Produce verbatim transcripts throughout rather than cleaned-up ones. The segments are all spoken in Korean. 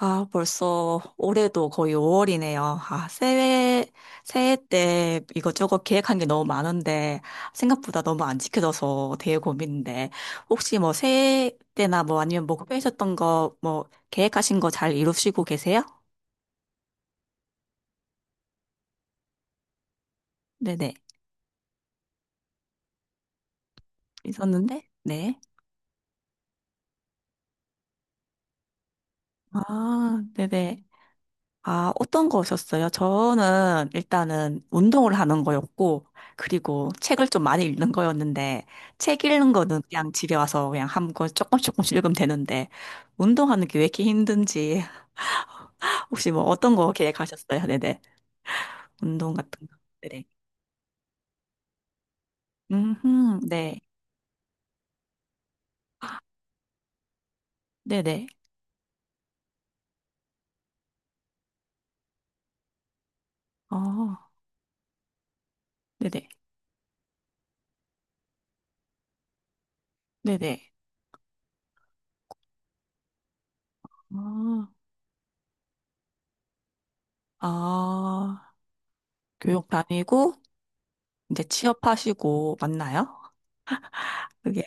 아, 벌써 올해도 거의 오 월이네요. 아, 새해, 새해 때 이것저것 계획한 게 너무 많은데, 생각보다 너무 안 지켜져서 되게 고민인데, 혹시 뭐 새해 때나 뭐 아니면 목표하셨던 거, 뭐 계획하신 거 잘 이루시고 계세요? 네네. 있었는데? 네. 아, 네네. 아, 어떤 거셨어요? 저는 일단은 운동을 하는 거였고, 그리고 책을 좀 많이 읽는 거였는데, 책 읽는 거는 그냥 집에 와서 그냥 한권 조금 조금씩 읽으면 되는데, 운동하는 게 왜 이렇게 힘든지. 혹시 뭐 어떤 거 계획하셨어요? 네네. 운동 같은 거. 네네. 음, 네. 네네. 어, 네네. 네네. 어, 아, 교육 다니고, 이제 취업하시고, 맞나요? 그게,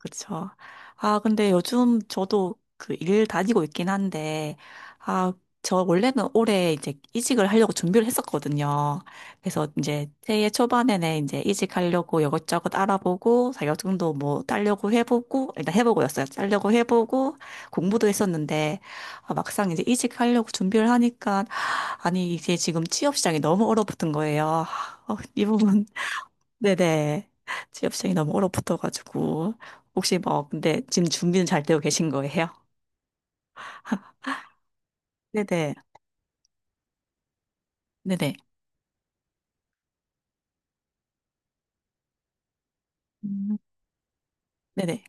그쵸. 아, 근데 요즘 저도 그 일 다니고 있긴 한데, 아, 저 원래는 올해 이제 이직을 하려고 준비를 했었거든요. 그래서 이제 새해 초반에는 이제 이직하려고 이것저것 알아보고, 자격증도 뭐 따려고 해보고, 일단 해보고였어요. 따려고 해보고, 공부도 했었는데, 아, 막상 이제 이직하려고 준비를 하니까, 아니, 이게 지금 취업 시장이 너무 얼어붙은 거예요. 아, 어, 이 부분 네네. 취업 시장이 너무 얼어붙어가지고. 혹시 뭐, 근데 지금 준비는 잘 되고 계신 거예요? 네네. 네네. 음, 네네.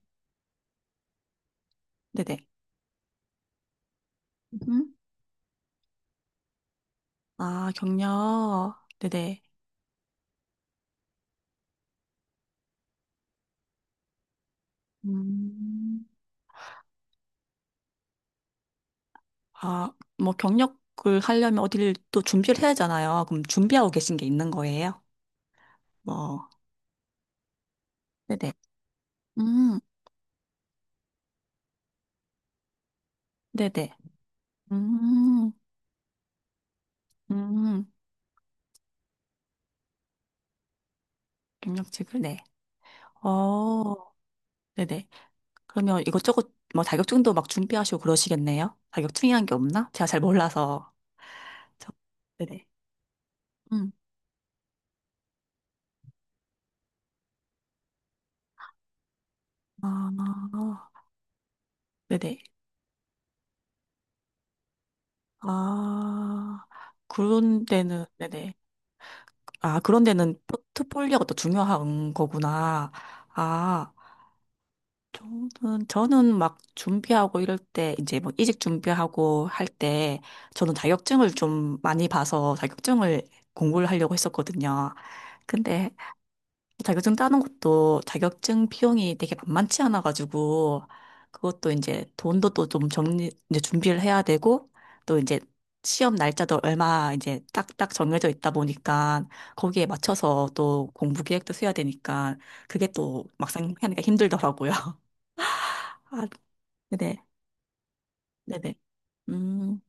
네네. 음? 아, 경력. 네네. 음, 아, 뭐, 경력을 하려면 어디를 또 준비를 해야 하잖아요. 그럼 준비하고 계신 게 있는 거예요? 뭐, 네네. 음, 네네. 음, 음, 경력직을, 네. 어, 네네. 그러면 이것저것 뭐 자격증도 막 준비하시고 그러시겠네요? 자격증이란 게 없나? 제가 잘 몰라서. 저- 네네. 음. 아, 네네. 아, 그런 데는, 네네. 아, 그런 데는 포트폴리오가 또 중요한 거구나. 아, 저는, 저는 막 준비하고 이럴 때, 이제 뭐 이직 준비하고 할 때, 저는 자격증을 좀 많이 봐서 자격증을 공부를 하려고 했었거든요. 근데 자격증 따는 것도 자격증 비용이 되게 만만치 않아가지고 그것도 이제 돈도 또 좀 정리 이제 준비를 해야 되고 또 이제 시험 날짜도 얼마 이제 딱딱 정해져 있다 보니까 거기에 맞춰서 또 공부 계획도 세워야 되니까 그게 또 막상 하니까 힘들더라고요. 아, 네네. 네네. 음.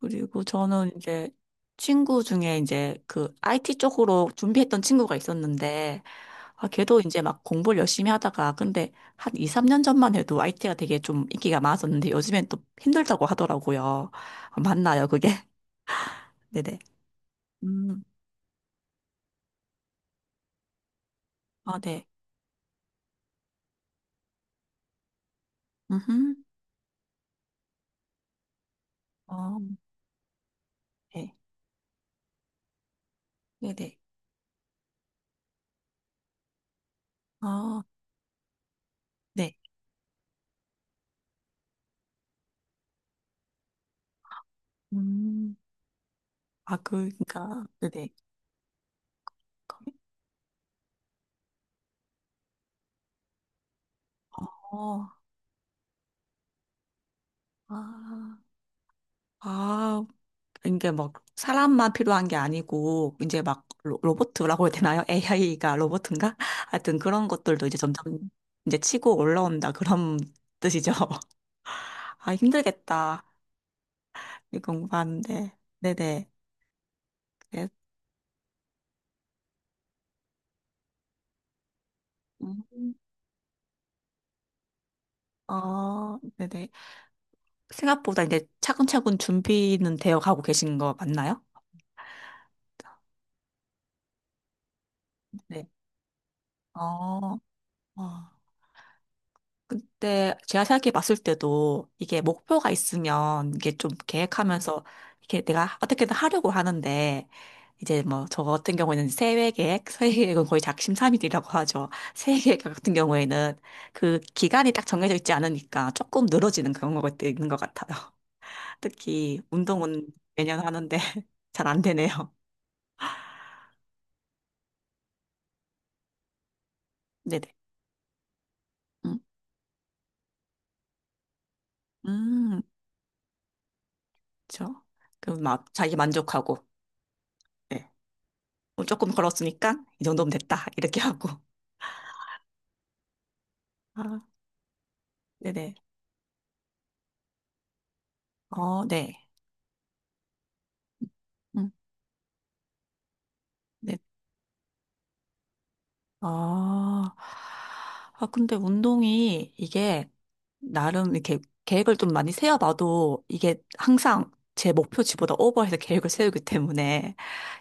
그리고 저는 이제 친구 중에 이제 그 아이티 쪽으로 준비했던 친구가 있었는데, 아, 걔도 이제 막 공부를 열심히 하다가, 근데 한 이, 삼 년 전만 해도 아이티가 되게 좀 인기가 많았었는데, 요즘엔 또 힘들다고 하더라고요. 아, 맞나요, 그게? 네네. 음, 아, 네. 음, 어, 네. 네네. 아, 네. 음, 아, 그, 그니까, 네네. 어, 아, 아, 이게 막 사람만 필요한 게 아니고 이제 막 로, 로봇이라고 해야 되나요? 에이아이가 로봇인가? 하여튼 그런 것들도 이제 점점 이제 치고 올라온다 그런 뜻이죠. 아 힘들겠다. 이 공부하는데. 네네. 그래- 음, 어, 네네. 생각보다 이제 차근차근 준비는 되어 가고 계신 거 맞나요? 네. 어, 어. 근데 제가 생각해 봤을 때도 이게 목표가 있으면 이게 좀 계획하면서 이렇게 내가 어떻게든 하려고 하는데 이제 뭐 저 같은 경우에는 세외 계획, 세외 계획은 거의 작심삼일이라고 하죠. 세외 계획 같은 경우에는 그 기간이 딱 정해져 있지 않으니까 조금 늘어지는 그런 것도 있는 것 같아요. 특히 운동은 매년 하는데 잘 안 되네요. 네네. 음, 음, 그렇죠. 그막 자기 만족하고. 네. 어, 조금 걸었으니까 이 정도면 됐다. 이렇게 하고. 아, 네네. 어, 네. 음, 네. 아, 아, 근데 운동이 이게 나름 이렇게 계획을 좀 많이 세워봐도 이게 항상 제 목표치보다 오버해서 계획을 세우기 때문에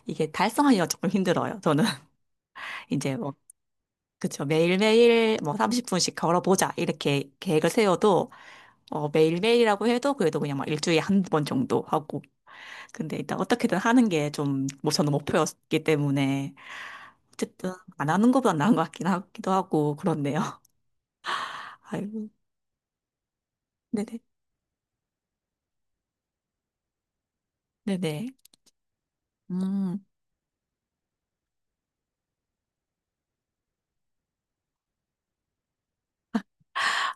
이게 달성하기가 조금 힘들어요. 저는. 이제 뭐, 그쵸. 매일매일 뭐 삼십 분씩 걸어보자. 이렇게 계획을 세워도 어, 매일매일이라고 해도 그래도 그냥 막 일주일에 한 번 정도 하고. 근데 일단 어떻게든 하는 게 좀, 뭐 저는 목표였기 때문에 어쨌든 안 하는 것보다 나은 것 같긴 하기도 하고 그렇네요. 아이고, 네네, 네네. 음,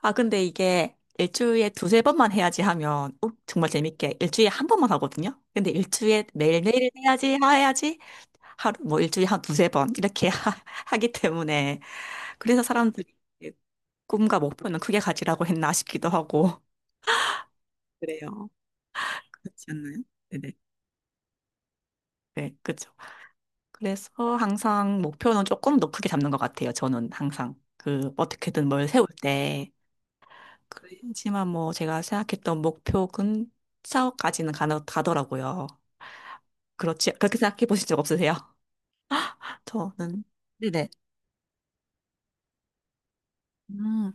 아 근데 이게 일주일에 두세 번만 해야지 하면 어, 정말 재밌게 일주일에 한 번만 하거든요. 근데 일주일에 매일매일 해야지 해야지 하루 뭐 일주일에 한 두세 번 이렇게 하, 하기 때문에 그래서 사람들이 꿈과 목표는 크게 가지라고 했나 싶기도 하고 그래요. 그렇지 않나요? 네네, 네, 그렇죠. 그래서 항상 목표는 조금 더 크게 잡는 것 같아요. 저는 항상 그 어떻게든 뭘 세울 때. 그렇지만 뭐 제가 생각했던 목표 근처까지는 가나, 가더라고요. 그렇지 그렇게 생각해 보신 적 없으세요? 저는 네네. 음,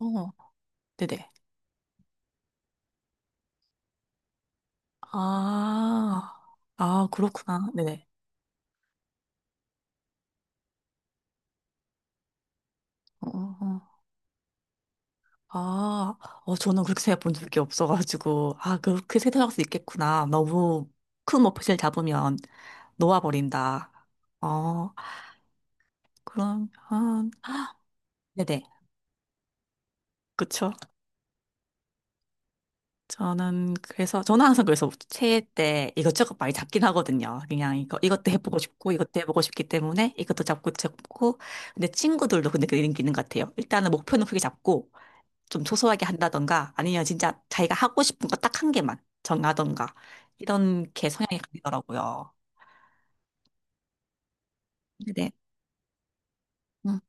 어, 네네. 아, 아, 그렇구나. 네네. 어, 어, 어. 아, 어, 저는 그렇게 생각해 본 적이 없어가지고, 아, 그렇게 생각할 수 있겠구나. 너무 큰 목표를 잡으면. 놓아버린다. 어, 그러한 네네. 그쵸. 저는, 그래서, 저는 항상 그래서 새해 때 이것저것 많이 잡긴 하거든요. 그냥 이거, 이것도 해보고 싶고, 이것도 해보고 싶기 때문에 이것도 잡고 잡고. 근데 친구들도 근데 그런 게 있는 것 같아요. 일단은 목표는 크게 잡고, 좀 소소하게 한다던가, 아니면 진짜 자기가 하고 싶은 거 딱 한 개만 정하던가, 이런 게 성향이 갈리더라고요. 네네. 음,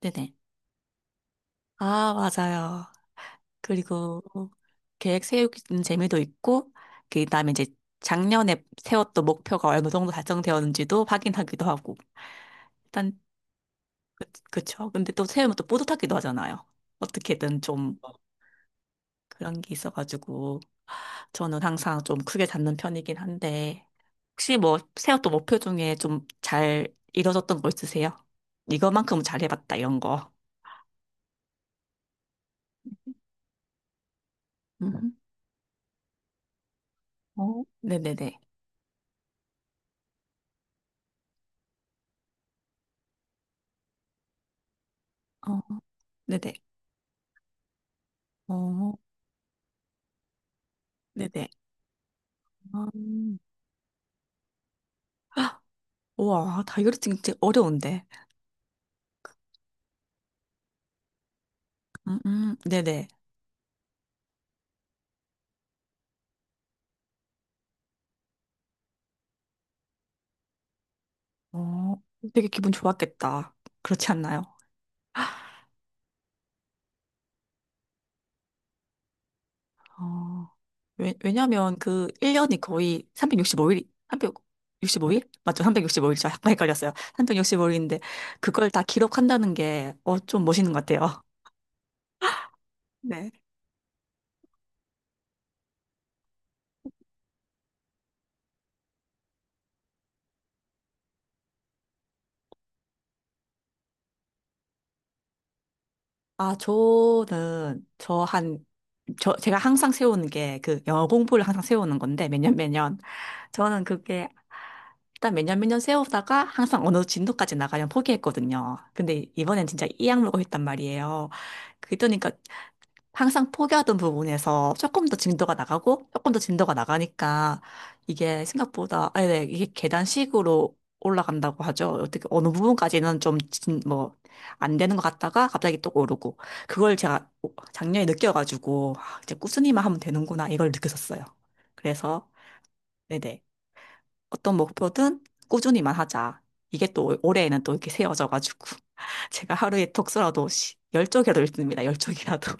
네네. 아, 맞아요. 그리고 계획 세우는 재미도 있고, 그다음에 이제 작년에 세웠던 목표가 어느 정도 달성되었는지도 확인하기도 하고. 일단 그, 그쵸. 근데 또 세우면 또 뿌듯하기도 하잖아요. 어떻게든 좀 그런 게 있어가지고 저는 항상 좀 크게 잡는 편이긴 한데 혹시 뭐 세웠던 목표 중에 좀 잘 이뤄졌던 거 있으세요? 이거만큼은 잘해봤다 이런 거. 음. 어? 네네네. 어, 네네. 어, 네네. 어. 우와, 다이어리증 진짜 어려운데. 음, 음, 네네. 어, 되게 기분 좋았겠다. 그렇지 않나요? 어, 왜, 왜냐면 그 일 년이 거의 삼백육십오 일, 삼백육십오 일? 맞죠? 삼백육십오 일이죠. 약간 헷갈렸어요. 삼백육십오 일인데, 그걸 다 기록한다는 게, 어, 좀 멋있는 것 같아요. 네. 아, 저는, 저 한, 저, 제가 항상 세우는 게, 그, 영어 공부를 항상 세우는 건데, 매년 매년. 저는 그게 일단 몇 년 몇 년 세우다가 항상 어느 진도까지 나가면 포기했거든요. 근데 이번엔 진짜 이 악물고 했단 말이에요. 그러니까 항상 포기하던 부분에서 조금 더 진도가 나가고 조금 더 진도가 나가니까 이게 생각보다 아, 네, 이게 계단식으로 올라간다고 하죠. 어떻게 어느 부분까지는 좀뭐안 되는 것 같다가 갑자기 또 오르고 그걸 제가 작년에 느껴가지고 아, 이제 꾸준히만 하면 되는구나 이걸 느꼈었어요. 그래서 네네. 어떤 목표든 꾸준히만 하자. 이게 또 올해에는 또 이렇게 세워져가지고 제가 하루에 독서라도 시- 열 쪽이라도 읽습니다. 열 쪽이라도.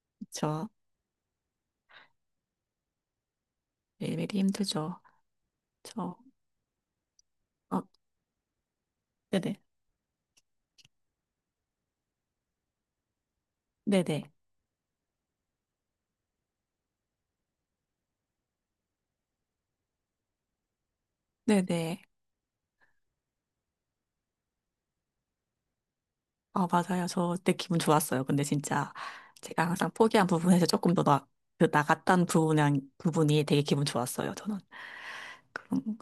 저 매일매일 힘들죠. 저 어, 네네 네네 네네 아 맞아요. 저 그때 기분 좋았어요. 근데 진짜 제가 항상 포기한 부분에서 조금 더 나, 그 나갔던 부분이 부분이 되게 기분 좋았어요. 저는 그런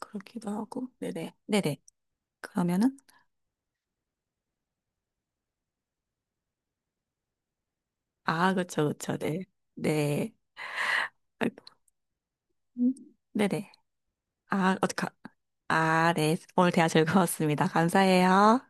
그렇기도 하고 네네 네네 그러면은 아 그쵸 그쵸 네 네. 아, 음, 네네 아, 어떡하, 아, 네. 오늘 대화 즐거웠습니다. 감사해요.